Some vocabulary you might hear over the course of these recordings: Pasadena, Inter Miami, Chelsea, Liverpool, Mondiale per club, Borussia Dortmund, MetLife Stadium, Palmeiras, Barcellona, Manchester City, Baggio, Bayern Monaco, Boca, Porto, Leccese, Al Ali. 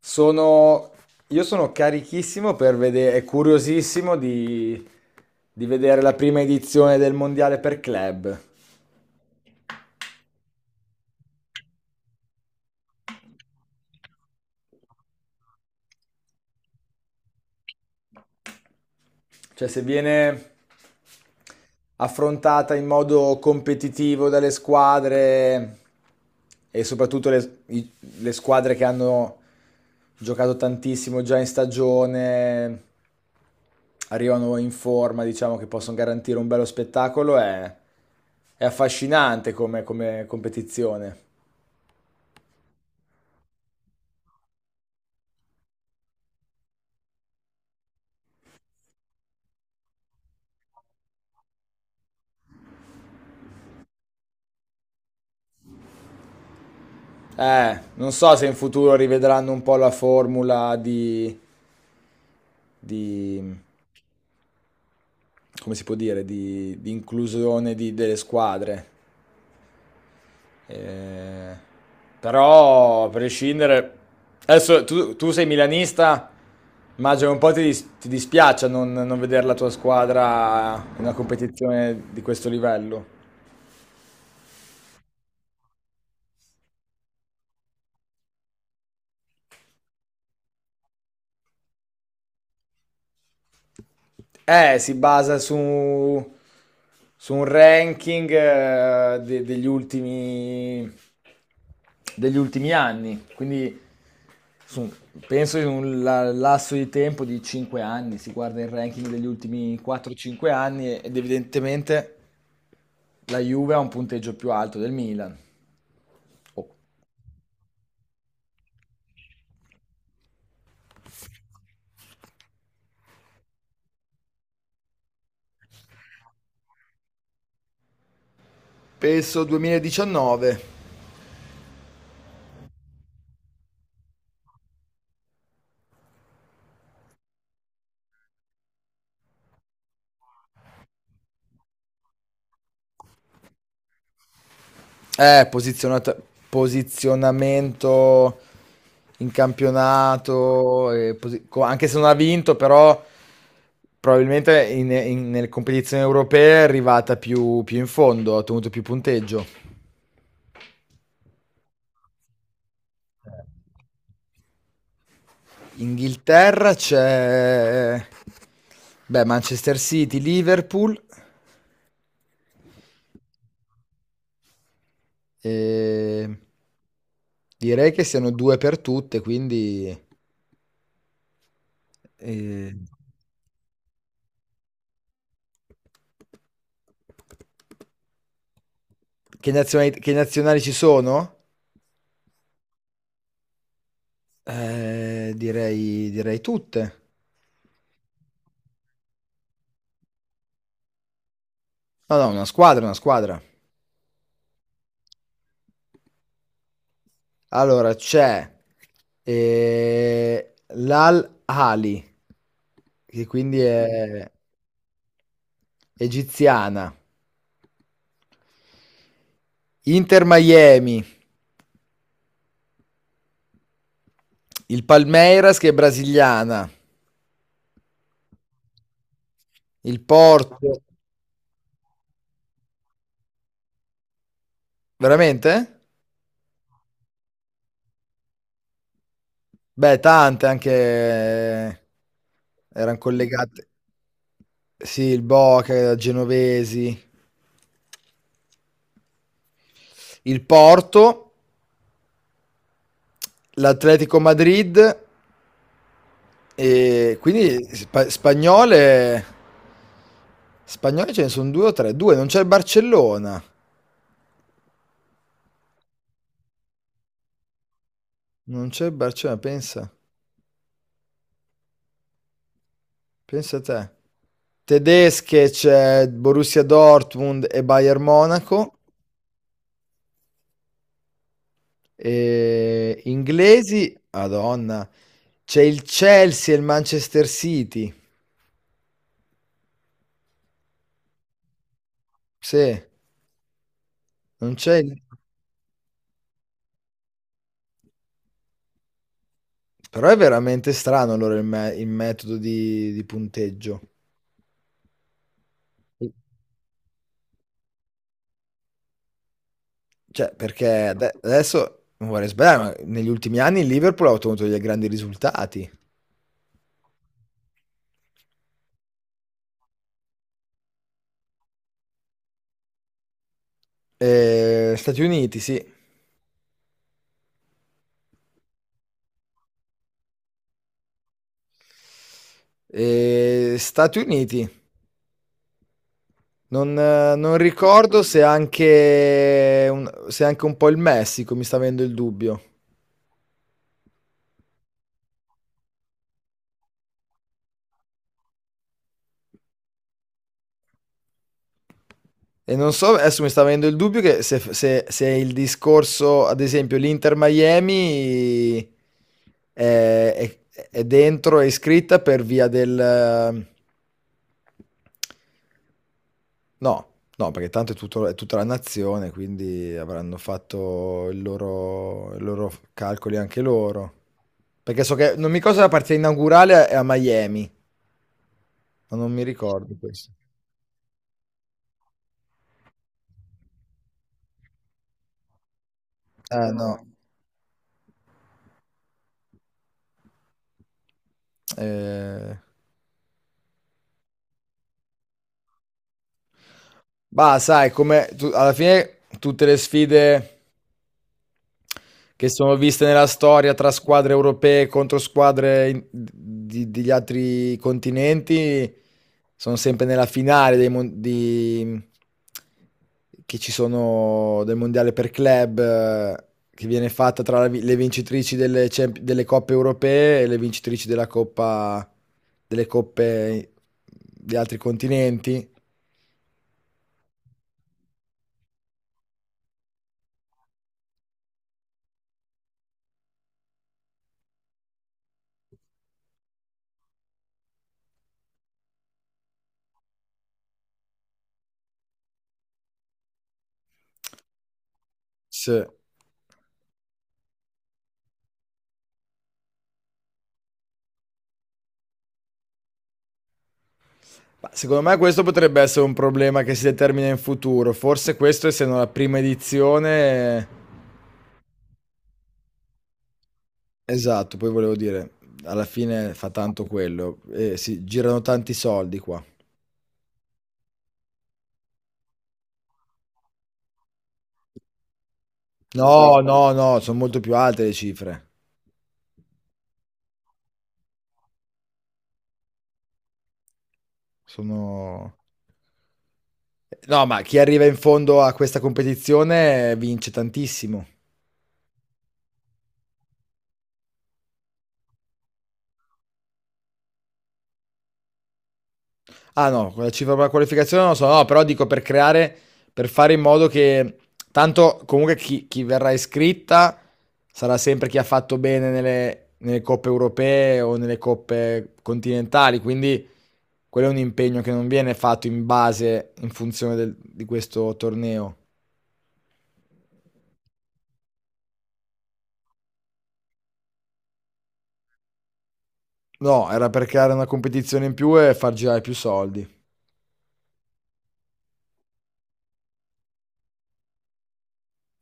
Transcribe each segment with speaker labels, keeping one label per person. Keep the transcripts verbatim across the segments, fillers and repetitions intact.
Speaker 1: Sono, io sono carichissimo per vedere, e curiosissimo di, di vedere la prima edizione del Mondiale per club. Cioè, se viene affrontata in modo competitivo dalle squadre e soprattutto le, i- le squadre che hanno giocato tantissimo già in stagione, arrivano in forma, diciamo che possono garantire un bello spettacolo, è, è affascinante come, come competizione. Eh, non so se in futuro rivedranno un po' la formula di, di come si può dire, di, di inclusione di- delle squadre. Eh, Però, a prescindere. Adesso tu, tu sei milanista, immagino un po' ti, dis- ti dispiace non, non vedere la tua squadra in una competizione di questo livello. Eh, si basa su, su un ranking eh, de- degli ultimi, degli ultimi anni, quindi su- penso in un la- lasso di tempo di cinque anni, si guarda il ranking degli ultimi quattro cinque anni e- ed evidentemente la Juve ha un punteggio più alto del Milan. Oh. Penso duemiladiciannove. Eh, posizionata- Posizionamento in campionato, e posi- co- anche se non ha vinto, però probabilmente in- in- nelle competizioni europee è arrivata più, più in fondo, ha ottenuto più punteggio. Inghilterra c'è, beh, Manchester City, Liverpool, e direi che siano due per tutte, quindi... eh, che nazionali che nazionali ci sono? Eh, direi, direi tutte. No, no, una squadra, una squadra. Allora, c'è eh, l'Al Ali, che quindi è egiziana. Inter Miami, il Palmeiras che è brasiliana, il Porto. Veramente? Beh, tante anche eh, erano collegate. Sì, il Boca, genovesi, il Porto, l'Atletico Madrid, e quindi spa- spagnole, spagnole ce ne sono due o tre, due, non c'è il Barcellona, non c'è il Barcellona, pensa, pensa te. Tedesche c'è Borussia Dortmund e Bayern Monaco, e inglesi, Madonna, c'è il Chelsea e il Manchester City, sì, non c'è il- Però è veramente strano allora il, me- il metodo di, di punteggio. Cioè, perché ade- adesso non vorrei sbagliare, ma negli ultimi anni il Liverpool ha ottenuto dei grandi risultati. Eh, Stati Uniti, sì. Eh, Stati Uniti. Non, eh, non ricordo se anche, un, se anche un po' il Messico mi sta avendo il dubbio. E non so, adesso mi sta avendo il dubbio che se, se- se il discorso, ad esempio, l'Inter Miami è, è- è dentro, è iscritta per via del. No, no, perché tanto è, tutto- è tutta la nazione, quindi avranno fatto il loro- i loro calcoli anche loro. Perché so che non mi ricordo se la partita inaugurale è a Miami, ma non mi ricordo questo. Eh no. Eh, Bah, sai, come tu- alla fine tutte le sfide che sono viste nella storia tra squadre europee contro squadre in- di- degli altri continenti, sono sempre nella finale dei mon- di- che ci sono del mondiale per club, eh, che viene fatta tra la vi- le vincitrici delle, champ- delle coppe europee e le vincitrici della coppa, delle coppe di altri continenti. Sì. Ma secondo me questo potrebbe essere un problema che si determina in futuro. Forse questo, essendo la prima edizione, esatto, poi volevo dire, alla fine fa tanto quello. Eh, si girano tanti soldi qua. No, esatto. No, no, sono molto più alte le cifre. Sono. No, ma chi arriva in fondo a questa competizione vince tantissimo. Ah no, quella cifra per la qualificazione non lo so, no, però dico per creare, per fare in modo che tanto comunque chi, chi verrà iscritta sarà sempre chi ha fatto bene nelle, nelle coppe europee o nelle coppe continentali, quindi quello è un impegno che non viene fatto in base, in funzione del- di questo torneo. No, era per creare una competizione in più e far girare più soldi.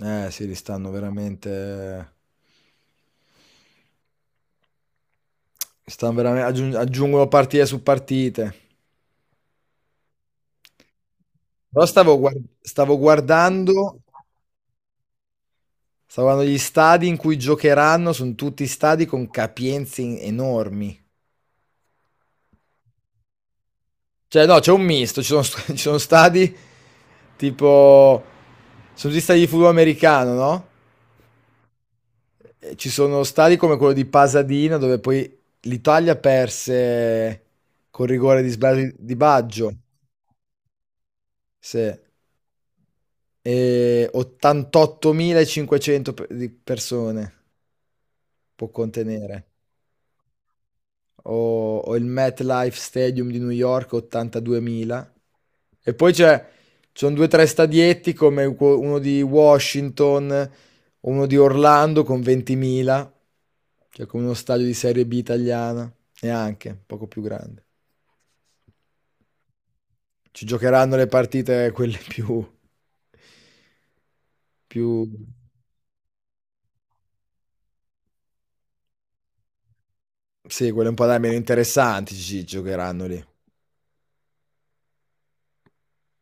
Speaker 1: Eh sì, li stanno veramente. Stanno veramente aggiung- aggiungono partite su partite. Però stavo, guar- stavo guardando, stavo guardando gli stadi in cui giocheranno, sono tutti stadi con capienze in- enormi. Cioè, no, c'è un misto, ci sono, st- ci sono stadi tipo, sono tutti stadi di football americano, no? E ci sono stadi come quello di Pasadena, dove poi l'Italia perse col rigore di sbaglio di Baggio, sì. E ottantottomilacinquecento pe- di persone può contenere. o, o il MetLife Stadium di New York ottantaduemila. E poi c'è, ci sono due o tre stadietti come uno uno di Washington, uno di Orlando con ventimila, cioè come uno stadio di Serie B italiana, neanche, poco più grande. Ci giocheranno le partite quelle più, più, sì, quelle un po' da meno interessanti, ci ci giocheranno lì.